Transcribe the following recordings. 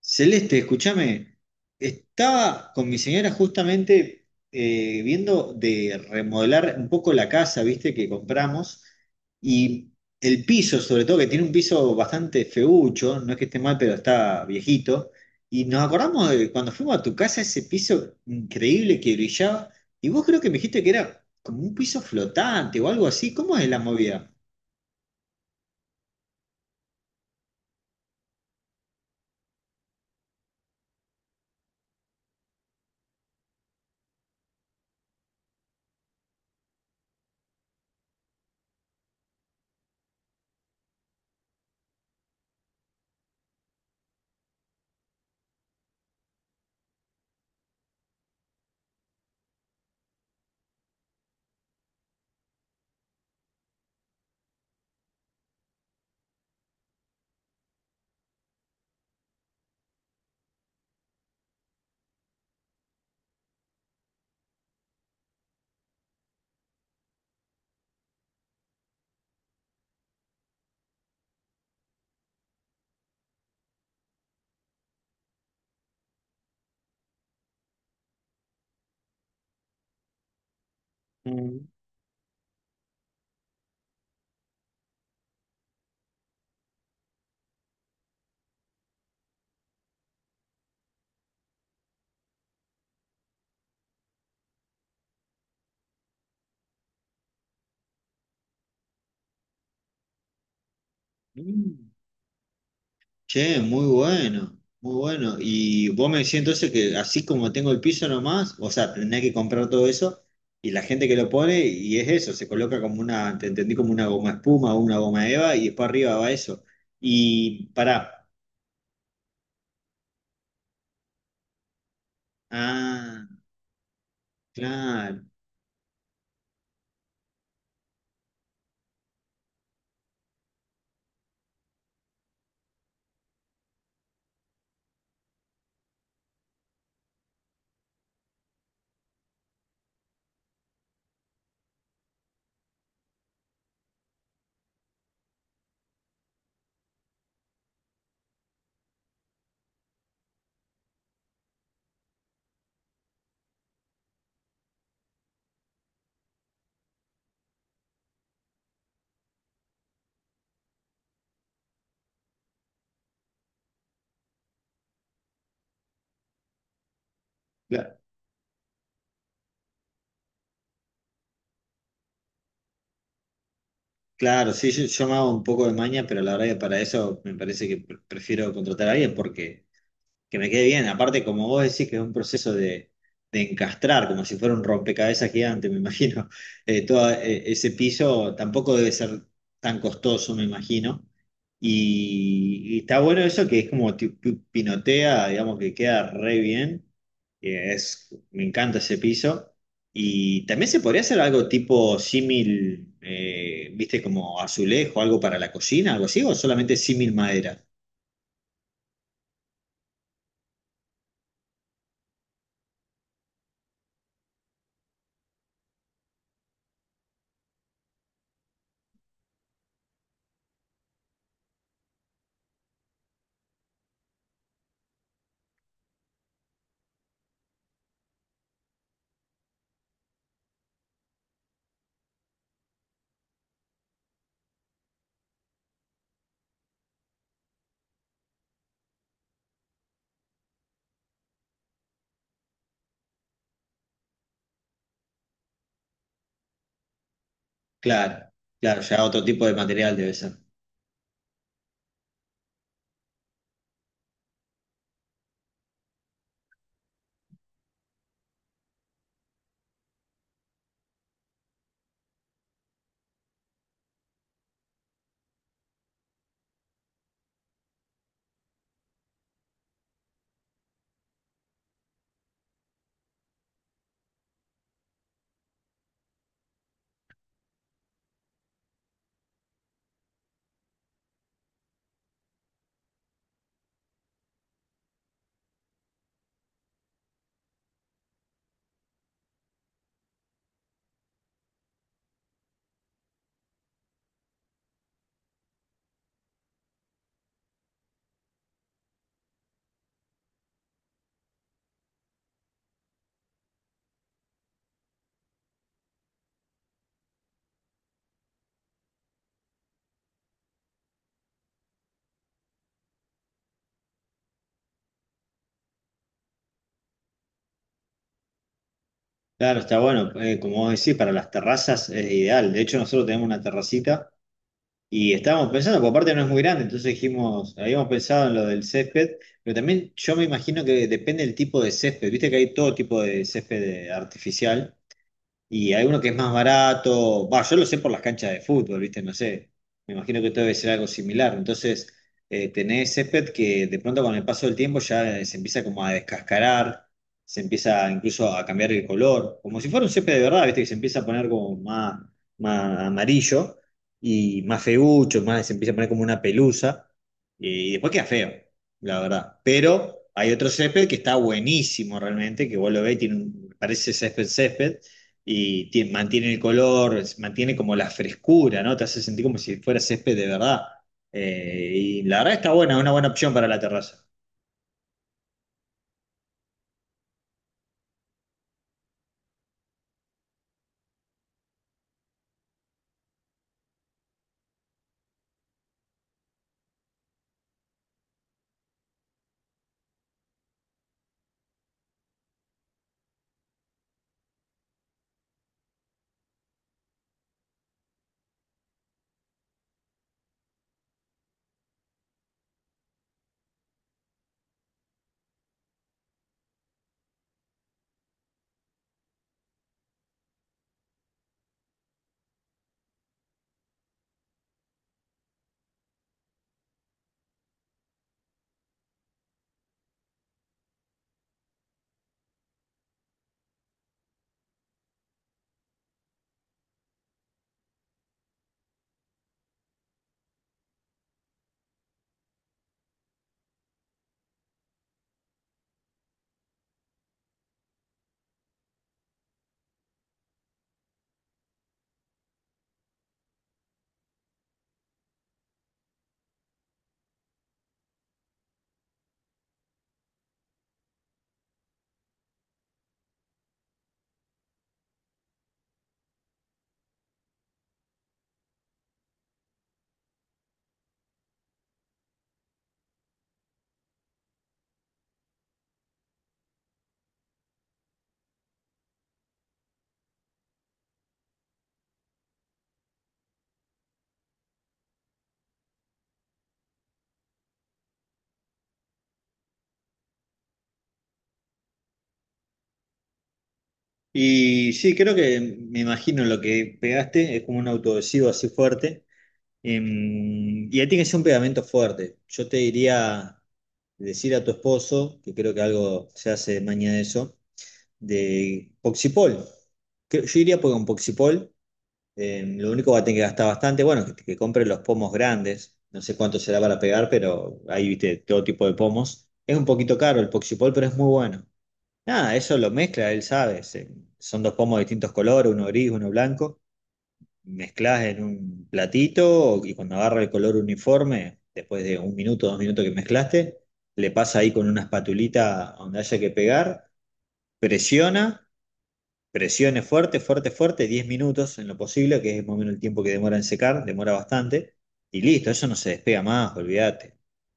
Celeste, escúchame, estaba con mi señora justamente viendo de remodelar un poco la casa, viste, que compramos, y el piso, sobre todo, que tiene un piso bastante feucho. No es que esté mal, pero está viejito, y nos acordamos de cuando fuimos a tu casa, ese piso increíble que brillaba, y vos creo que me dijiste que era como un piso flotante o algo así. ¿Cómo es la movida? Mm. Che, muy bueno, muy bueno. Y vos me decís entonces que así como tengo el piso nomás, o sea, tenés que comprar todo eso y la gente que lo pone, y es eso, se coloca como una, te entendí como una goma espuma o una goma eva, y después arriba va eso. Y pará, ah, claro, cla- claro, sí, yo me hago un poco de maña, pero la verdad que para eso me parece que prefiero contratar a alguien porque... que me quede bien. Aparte, como vos decís, que es un proceso de encastrar, como si fuera un rompecabezas gigante, me imagino. Todo ese piso tampoco debe ser tan costoso, me imagino. Y está bueno eso, que es como pinotea, digamos que queda re bien. Que es, me encanta ese piso. Y también se podría hacer algo tipo símil, viste, como azulejo, algo para la cocina, algo así, o solamente símil madera. Claro, claro, ya otro tipo de material debe ser. Claro, está bueno, como vos decís, para las terrazas es ideal. De hecho, nosotros tenemos una terracita y estábamos pensando, porque aparte no es muy grande, entonces dijimos, habíamos pensado en lo del césped, pero también yo me imagino que depende del tipo de césped. Viste que hay todo tipo de césped artificial. Y hay uno que es más barato. Va, yo lo sé por las canchas de fútbol, ¿viste? No sé. Me imagino que esto debe ser algo similar. Entonces, tenés césped que de pronto con el paso del tiempo ya se empieza como a descascarar, se empieza incluso a cambiar el color, como si fuera un césped de verdad, ¿viste? Que se empieza a poner como más, más amarillo y más feucho, más, se empieza a poner como una pelusa. Y después queda feo, la verdad. Pero hay otro césped que está buenísimo realmente, que vos lo ves, y parece césped césped y mantiene el color, mantiene como la frescura, ¿no? Te hace sentir como si fuera césped de verdad. Y la verdad está buena, es una buena opción para la terraza. Y sí, creo que me imagino lo que pegaste, es como un autoadhesivo así fuerte. Y ahí tiene que ser un pegamento fuerte. Yo te diría decir a tu esposo, que creo que algo se hace mañana de eso, de Poxipol. Que- yo diría, porque con Poxipol, lo único que va a tener que gastar bastante, bueno, que compre los pomos grandes. No sé cuánto será para pegar, pero ahí viste todo tipo de pomos. Es un poquito caro el Poxipol, pero es muy bueno. Nada, eso lo mezcla, él sabe. Se- son dos pomos de distintos colores, uno gris, uno blanco. Mezclas en un platito y cuando agarra el color uniforme, después de un minuto, dos minutos que mezclaste, le pasa ahí con una espatulita a donde haya que pegar, presiona. Presione fuerte, fuerte, fuerte, 10 minutos en lo posible, que es más o menos el tiempo que demora en secar, demora bastante, y listo, eso no se despega más, olvídate.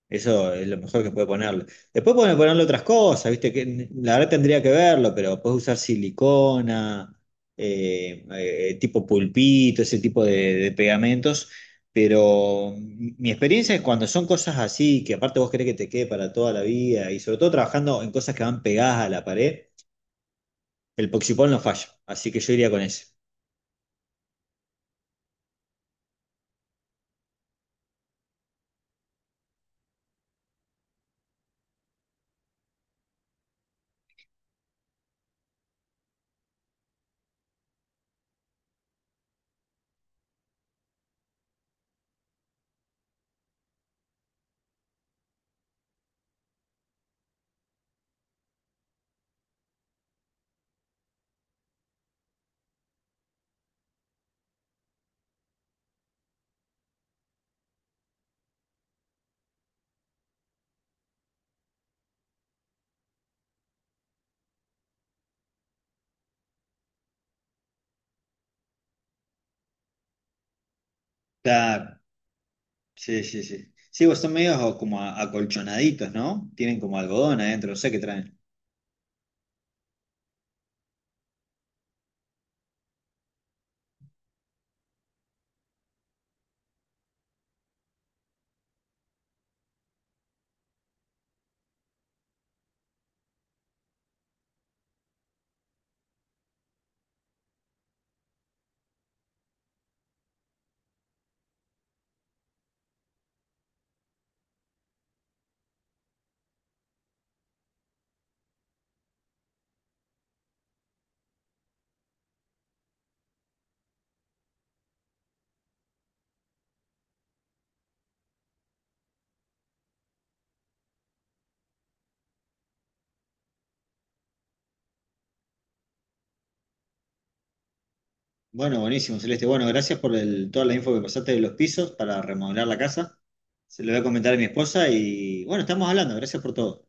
Eso es lo mejor que puede ponerle. Después pueden ponerle otras cosas, ¿viste? Que, la verdad tendría que verlo, pero puedes usar silicona, tipo pulpito, ese tipo de pegamentos. Pero mi experiencia es cuando son cosas así, que aparte vos querés que te quede para toda la vida, y sobre todo trabajando en cosas que van pegadas a la pared, el Poxipol no falla, así que yo iría con ese. Claro, sí, sí, sí. Sí, pues son medios como acolchonaditos, ¿no? Tienen como algodón adentro, no sé qué traen. Bueno, buenísimo, Celeste. Bueno, gracias por el- toda la info que pasaste de los pisos para remodelar la casa. Se lo voy a comentar a mi esposa y bueno, estamos hablando. Gracias por todo.